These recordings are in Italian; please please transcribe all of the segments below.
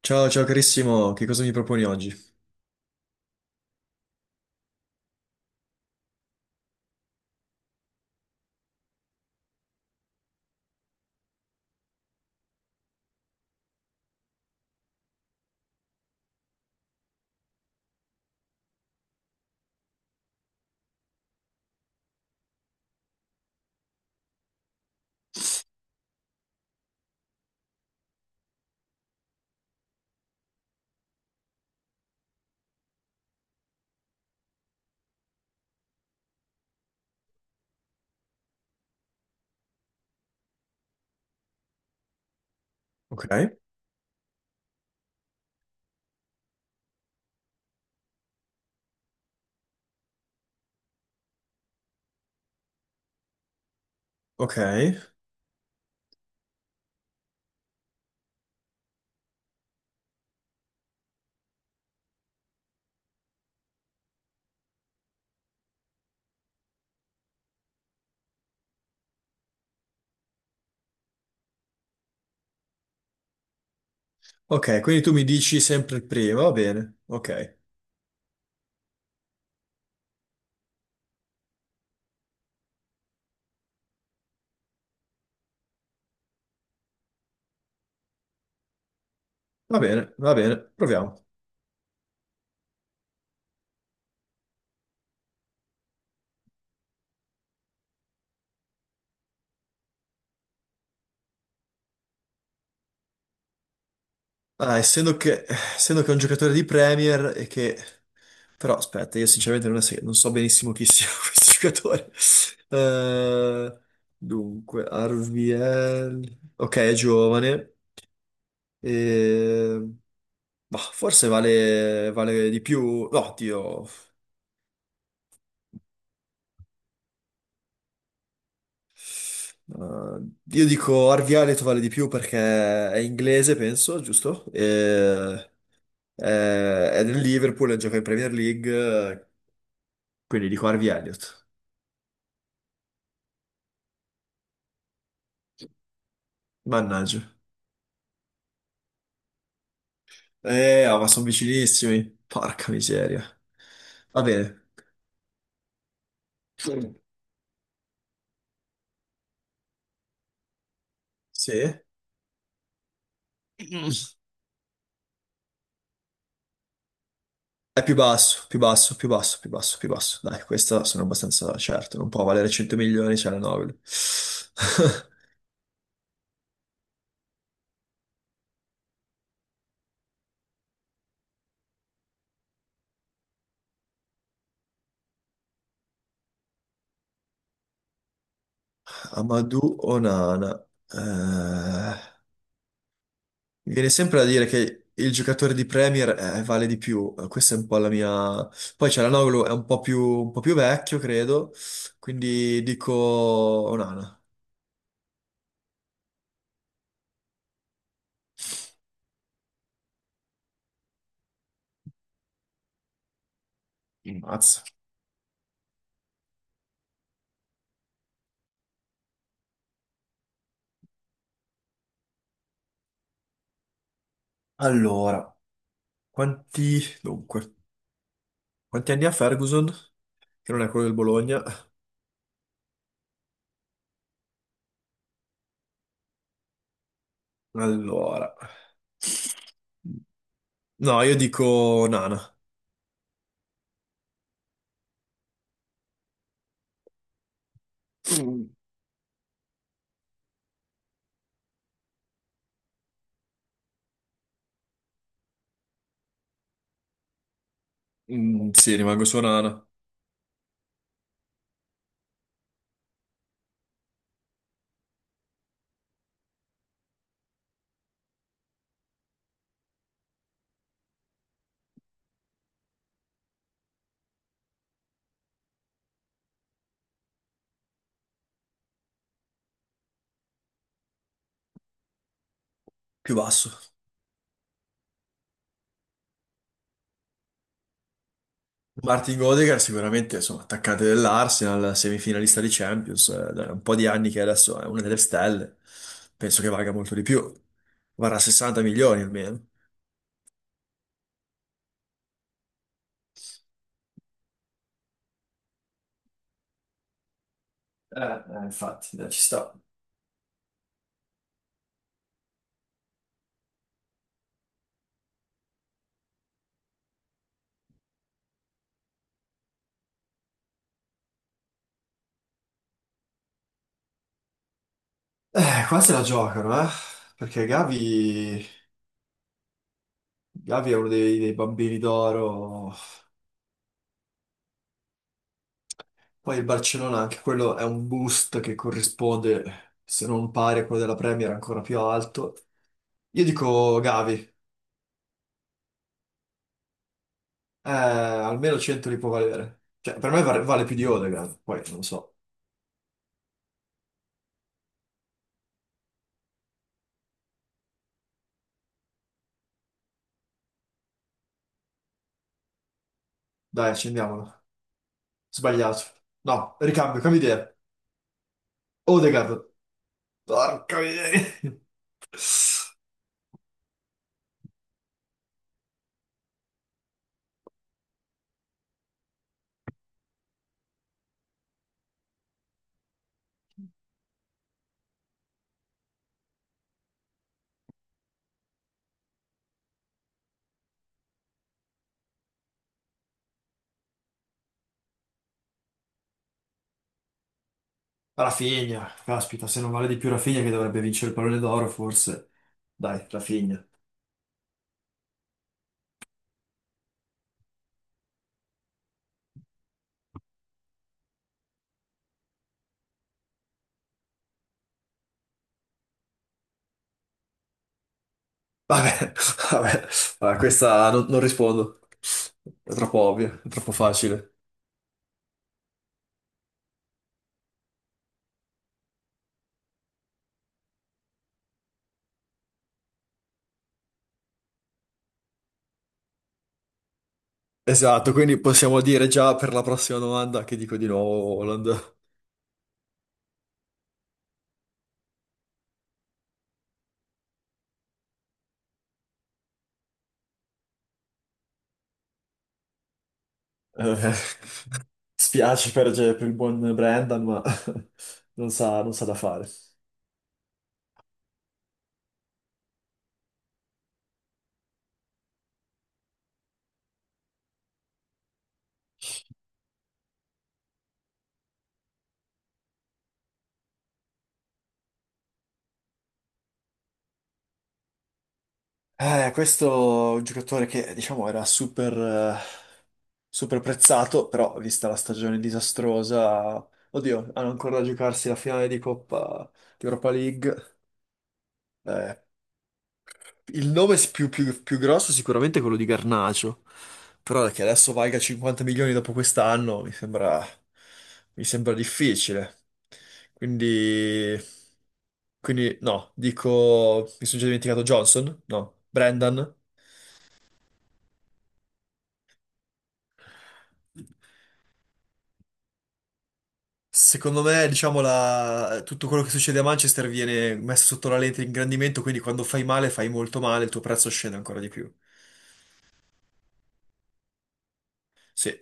Ciao, ciao carissimo, che cosa mi proponi oggi? Ok, ok, ok, quindi tu mi dici sempre il primo, va bene, ok, va bene, proviamo. Ah, essendo che è un giocatore di Premier e che... Però aspetta, io sinceramente non, se- non so benissimo chi sia questo giocatore. Eh, Dunque, RVL... Ok, è giovane, e... Bah, vale di più... No, Dio. Uh, io dico Arvialet vale di più perché è inglese, penso, giusto? È, è nel Liverpool, gioca in Premier League, eh, quindi dico Harvey Elliott. Mannaggia. Ma sono vicinissimi. Porca miseria. Va bene. Sì. È più basso, più basso, più basso, più basso, più basso. Dai, questa sono abbastanza certo. Non può valere 100 milioni, c'è la Nobel. Amadou Onana. Eh, Mi viene sempre da dire che il giocatore di Premier vale di più. Questa è un po' la mia... Poi Cialanoglu è un po' più vecchio, credo, quindi dico Onana. Mm. Mazza. Allora, quanti... Dunque, quanti anni ha Ferguson? Che non è quello del Bologna. Allora... No, io dico Onana. Mm. Mm, sì, rimango su Onana. Più basso. Martin Odegaard sicuramente, insomma, attaccante dell'Arsenal, semifinalista di Champions, da un po' di anni che adesso è una delle stelle, penso che valga molto di più, varrà 60 milioni almeno. Eh, Infatti, dai, ci sta. Qua se la giocano, eh? Perché Gavi, Gavi è uno dei, dei bambini d'oro. Poi il Barcellona, anche quello è un boost che corrisponde, se non pari a quello della Premier, ancora più alto. Io dico Gavi. Almeno 100 li può valere. Cioè, vale più di Odegaard, poi non lo so. Dai, accendiamolo. Sbagliato. No, ricambio, cambio idea. Odegaard. Porca miseria. Rafinha, caspita, se non vale di più Rafinha che dovrebbe vincere il pallone d'oro, forse. Dai, Rafinha. Vabbè, vabbè, questa non rispondo. È troppo ovvia, è troppo facile. Esatto, quindi possiamo dire già per la prossima domanda che dico di nuovo Holland. Eh, spiace per il buon Brendan, ma non sa da fare. Questo è un giocatore che, diciamo, era super, eh, super prezzato, però vista la stagione disastrosa, oddio, hanno ancora da giocarsi la finale di Coppa di Europa League. Eh, Il nome più grosso è sicuramente è quello di Garnacio, però che adesso valga 50 milioni dopo quest'anno mi sembra difficile. Quindi, quindi no, dico, mi sono già dimenticato Johnson, no, Brendan. Secondo me, diciamo, la- tutto quello che succede a Manchester viene messo sotto la lente di ingrandimento, quindi quando fai male, fai molto male, il tuo prezzo scende ancora di più. Sì,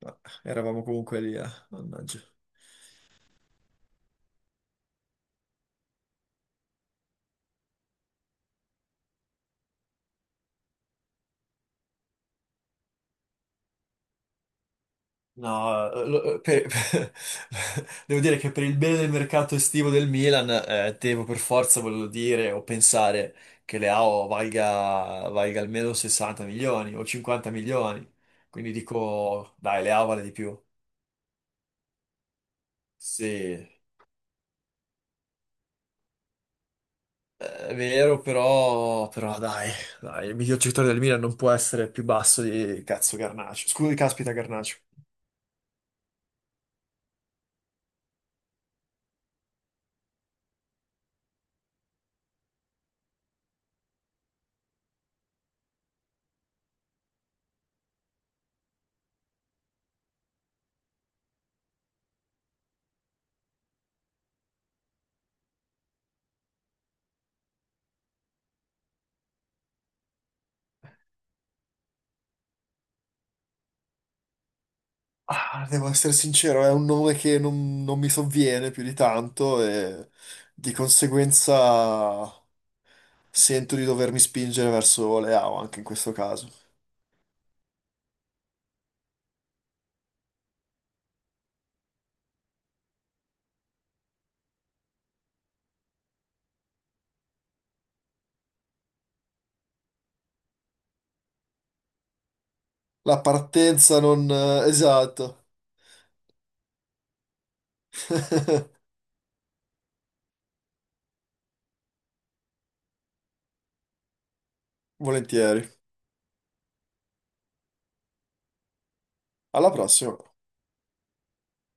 ma eravamo comunque lì, eh. Mannaggia. No. Devo dire che per il bene del mercato estivo del Milan, devo per forza volerlo dire o pensare che Leao valga almeno 60 milioni o 50 milioni. Quindi dico, dai, Leao vale di più. Sì, è vero, però dai, il miglior giocatore del Milan non può essere più basso di cazzo Garnacho. Scusi, caspita, Garnacho. Ah, devo essere sincero, è un nome che non mi sovviene più di tanto e di conseguenza sento di dovermi spingere verso Leao anche in questo caso. La partenza non... esatto. Volentieri. Alla prossima.